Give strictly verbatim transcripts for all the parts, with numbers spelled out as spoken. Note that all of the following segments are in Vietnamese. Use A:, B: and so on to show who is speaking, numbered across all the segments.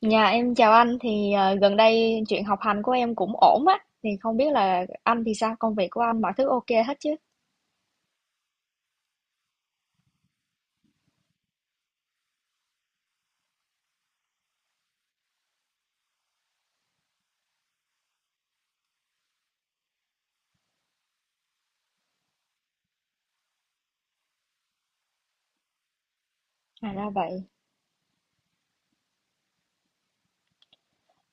A: Nhà em chào anh thì ờ, gần đây chuyện học hành của em cũng ổn á thì không biết là anh thì sao, công việc của anh mọi thứ ok hết chứ? À ra vậy.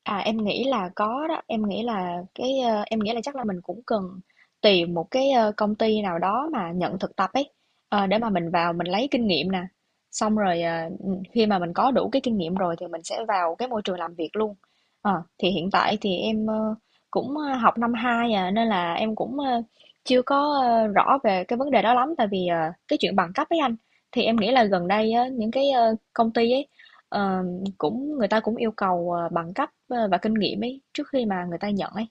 A: À, em nghĩ là có đó, em nghĩ là cái, ờ, em nghĩ là chắc là mình cũng cần tìm một cái, ờ, công ty nào đó mà nhận thực tập ấy, ờ, để mà mình vào mình lấy kinh nghiệm nè. Xong rồi, ờ, ừ, khi mà mình có đủ cái kinh nghiệm rồi thì mình sẽ vào cái môi trường làm việc luôn. Ờ, thì hiện tại thì em, ờ, cũng, ờ, học năm hai à, nên là em cũng, ờ, chưa có, ờ, rõ về cái vấn đề đó lắm, tại vì, ờ, cái chuyện bằng cấp ấy anh. Thì em nghĩ là gần đây á, những cái, ờ, công ty ấy, ờ, cũng người ta cũng yêu cầu, ờ, bằng cấp, ơ, và kinh nghiệm ấy, trước khi mà người ta nhận ấy,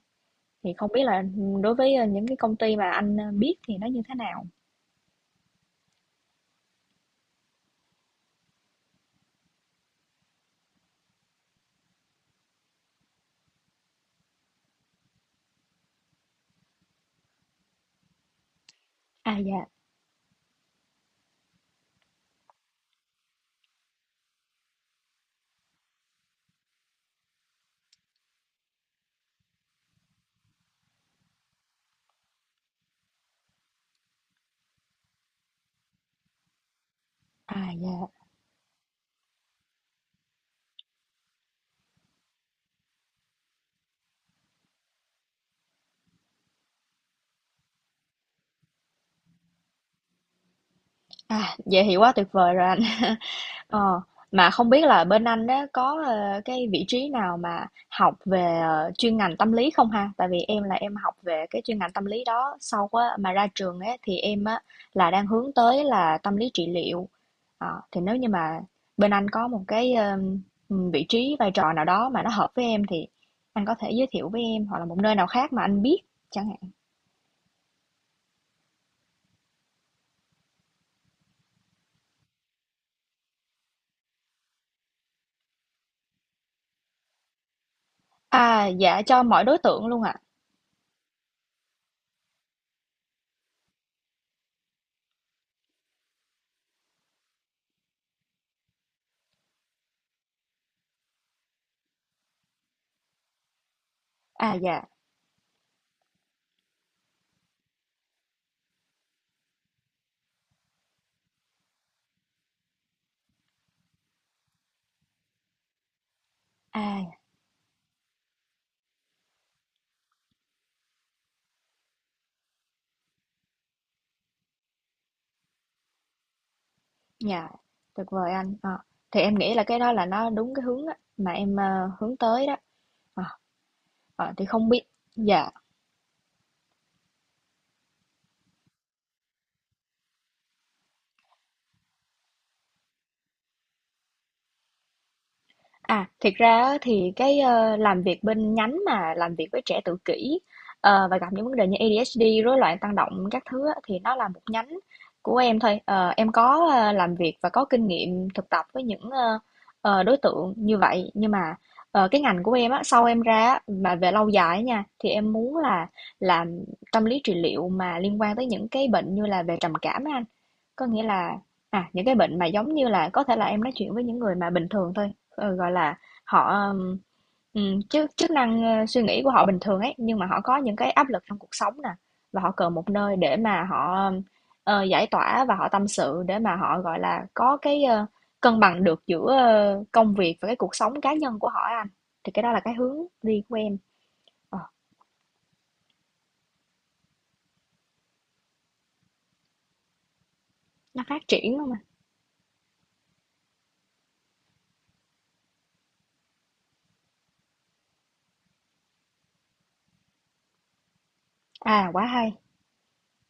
A: thì không biết là, đối với, ơ, những cái công ty mà anh, ơ, biết thì nó như thế nào? À, dạ. À, dạ. À, vậy thì quá tuyệt vời rồi anh. Ờ, mà không biết là bên anh đó có, ơ, cái vị trí nào mà học về, ờ, chuyên ngành tâm lý không ha? Tại vì em là em học về cái chuyên ngành tâm lý đó, sau á mà ra trường á thì em á là đang hướng tới là tâm lý trị liệu. Ờ, thì nếu như mà bên anh có một cái, ơ, vị trí, vai trò nào đó mà nó hợp với em thì anh có thể giới thiệu với em, hoặc là một nơi nào khác mà anh biết chẳng hạn. À, dạ, cho mọi đối tượng luôn ạ. À, dạ. À, dạ, tuyệt vời anh. Ờ, thì em nghĩ là cái đó là nó đúng cái hướng á mà em, ơ, hướng tới đó. Ờ, ờ, thì không biết, dạ. À, thiệt ra á thì cái, ơ, làm việc bên nhánh mà làm việc với trẻ tự kỷ, ờ, và gặp những vấn đề như a đê hát đê, rối loạn tăng động các thứ á, thì nó là một nhánh của em thôi. Ờ, em có, a, làm việc và có kinh nghiệm thực tập với những, ơ, ờ, đối tượng như vậy, nhưng mà, ờ, cái ngành của em á, sau em ra á, mà về lâu dài á nha, thì em muốn là làm tâm lý trị liệu mà liên quan tới những cái bệnh như là về trầm cảm á anh. Có nghĩa là, à, những cái bệnh mà giống như là có thể là em nói chuyện với những người mà bình thường thôi. Ờ, gọi là, họ, ừm, ừm, chức chức năng, ơ, suy nghĩ của họ bình thường ấy, nhưng mà họ có những cái áp lực trong cuộc sống nè, và họ cần một nơi để mà họ, ờ, giải tỏa và họ tâm sự để mà họ, gọi là, có cái, ơ, cân bằng được giữa, ơ, công việc và cái cuộc sống cá nhân của họ á anh, thì cái đó là cái hướng đi của em, ờ, nó phát triển không anh? À, quá hay.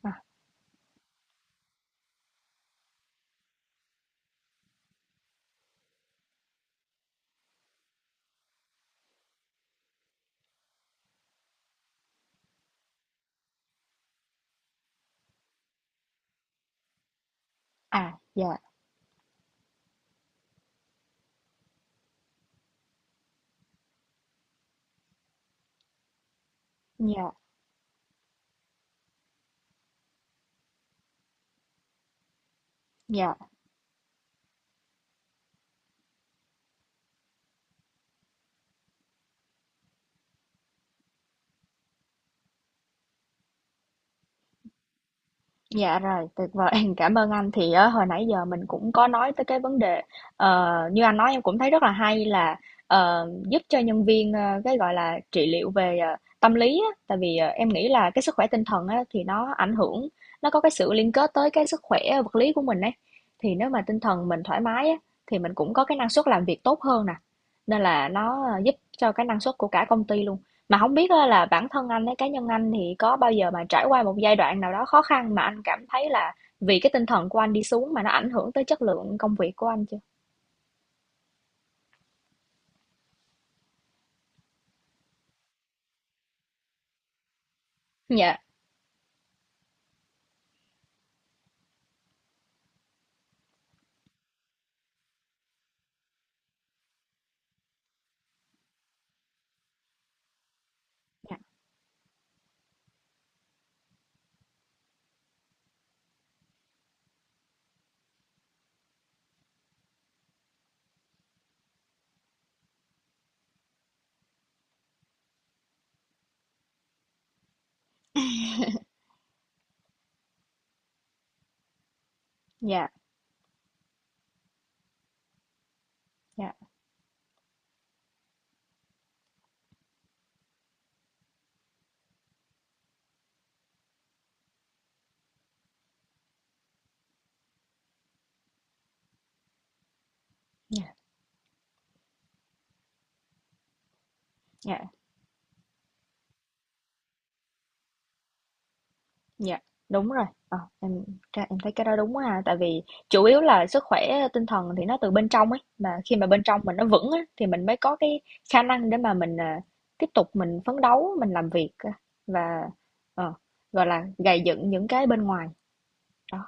A: À, à, yeah, yeah, yeah. Dạ rồi, tuyệt vời. Cảm ơn anh. Thì á, hồi nãy giờ mình cũng có nói tới cái vấn đề, ờ, như anh nói em cũng thấy rất là hay là, ờ, giúp cho nhân viên, ờ, cái, gọi là, trị liệu về, ờ, tâm lý á. Tại vì, ờ, em nghĩ là cái sức khỏe tinh thần á, thì nó ảnh hưởng, nó có cái sự liên kết tới cái sức khỏe vật lý của mình ấy. Thì nếu mà tinh thần mình thoải mái á, thì mình cũng có cái năng suất làm việc tốt hơn nè. Nên là nó, ờ, giúp cho cái năng suất của cả công ty luôn. Mà không biết á là bản thân anh ấy, cá nhân anh thì có bao giờ mà trải qua một giai đoạn nào đó khó khăn mà anh cảm thấy là vì cái tinh thần của anh đi xuống mà nó ảnh hưởng tới chất lượng công việc của anh chưa? Dạ, dạ, dạ, dạ, dạ, dạ, dạ, đúng rồi. Ờ, em ra em thấy cái đó đúng ha, tại vì chủ yếu là sức khỏe tinh thần thì nó từ bên trong ấy, mà khi mà bên trong mình nó vững á thì mình mới có cái khả năng để mà mình, à, tiếp tục mình phấn đấu, mình làm việc, a, và, ờ, gọi là, gầy dựng những cái bên ngoài. Đó.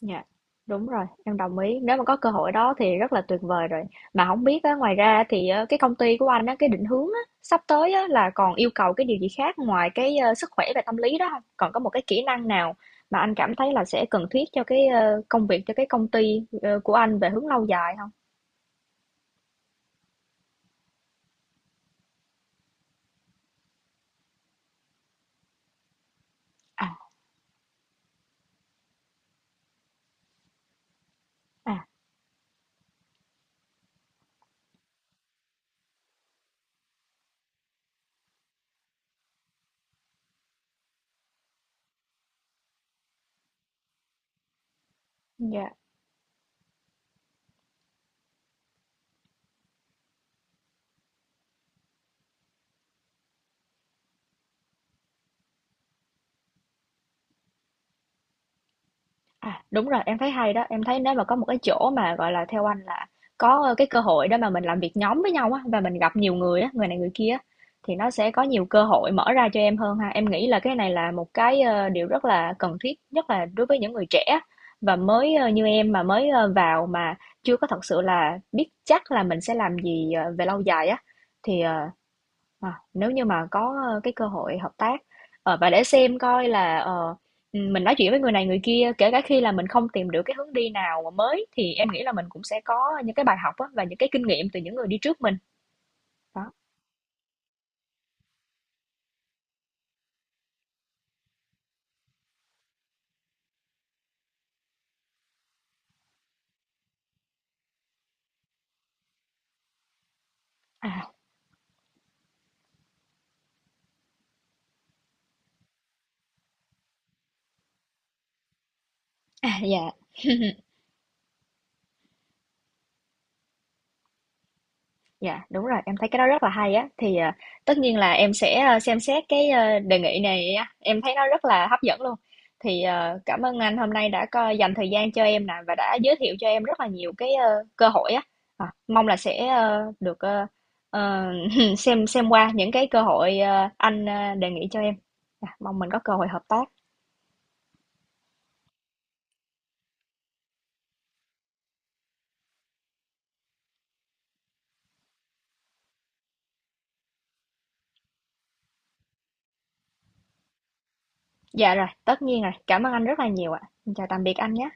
A: Dạ, đúng rồi, em đồng ý. Nếu mà có cơ hội đó thì rất là tuyệt vời rồi. Mà không biết á, ngoài ra thì ờ, cái công ty của anh á, cái định hướng á, sắp tới á, là còn yêu cầu cái điều gì khác ngoài cái ờ, sức khỏe và tâm lý đó không? Còn có một cái kỹ năng nào mà anh cảm thấy là sẽ cần thiết cho cái ờ, công việc, cho cái công ty ờ, của anh về hướng lâu dài không? À, à, dạ. À, đúng rồi, em thấy hay đó. Em thấy nếu mà có một cái chỗ mà, gọi là, theo anh là có, ơ, cái cơ hội đó mà mình làm việc nhóm với nhau á, và mình gặp nhiều người á, người này người kia á, thì nó sẽ có nhiều cơ hội mở ra cho em hơn ha. Em nghĩ là cái này là một cái, ơ, điều rất là cần thiết, nhất là đối với những người trẻ và mới, ơ, như em mà mới, ơ, vào mà chưa có thật sự là biết chắc là mình sẽ làm gì, ờ, về lâu dài á, thì, ờ. À, nếu như mà có, ơ, cái cơ hội hợp tác, ờ, và để xem coi là, ờ, mình nói chuyện với người này người kia, kể cả khi là mình không tìm được cái hướng đi nào mà mới thì em nghĩ là mình cũng sẽ có những cái bài học á, và những cái kinh nghiệm từ những người đi trước mình. Đó, à, à, yeah. Dạ, đúng rồi, em thấy cái đó rất là hay á. Thì, ờ, tất nhiên là em sẽ, ơ, xem xét cái, ơ, đề nghị này á, em thấy nó rất là hấp dẫn luôn. Thì, ờ, cảm ơn anh hôm nay đã có dành thời gian cho em nè và đã giới thiệu cho em rất là nhiều cái, ơ, cơ hội á. Ờ, mong là sẽ, ơ, được, ơ, ờ, xem xem qua những cái cơ hội, ơ, anh, ơ, đề nghị cho em. Dạ, mong mình có cơ hội hợp tác. Dạ rồi, tất nhiên rồi, cảm ơn anh rất là nhiều ạ. Chào tạm biệt anh nhé.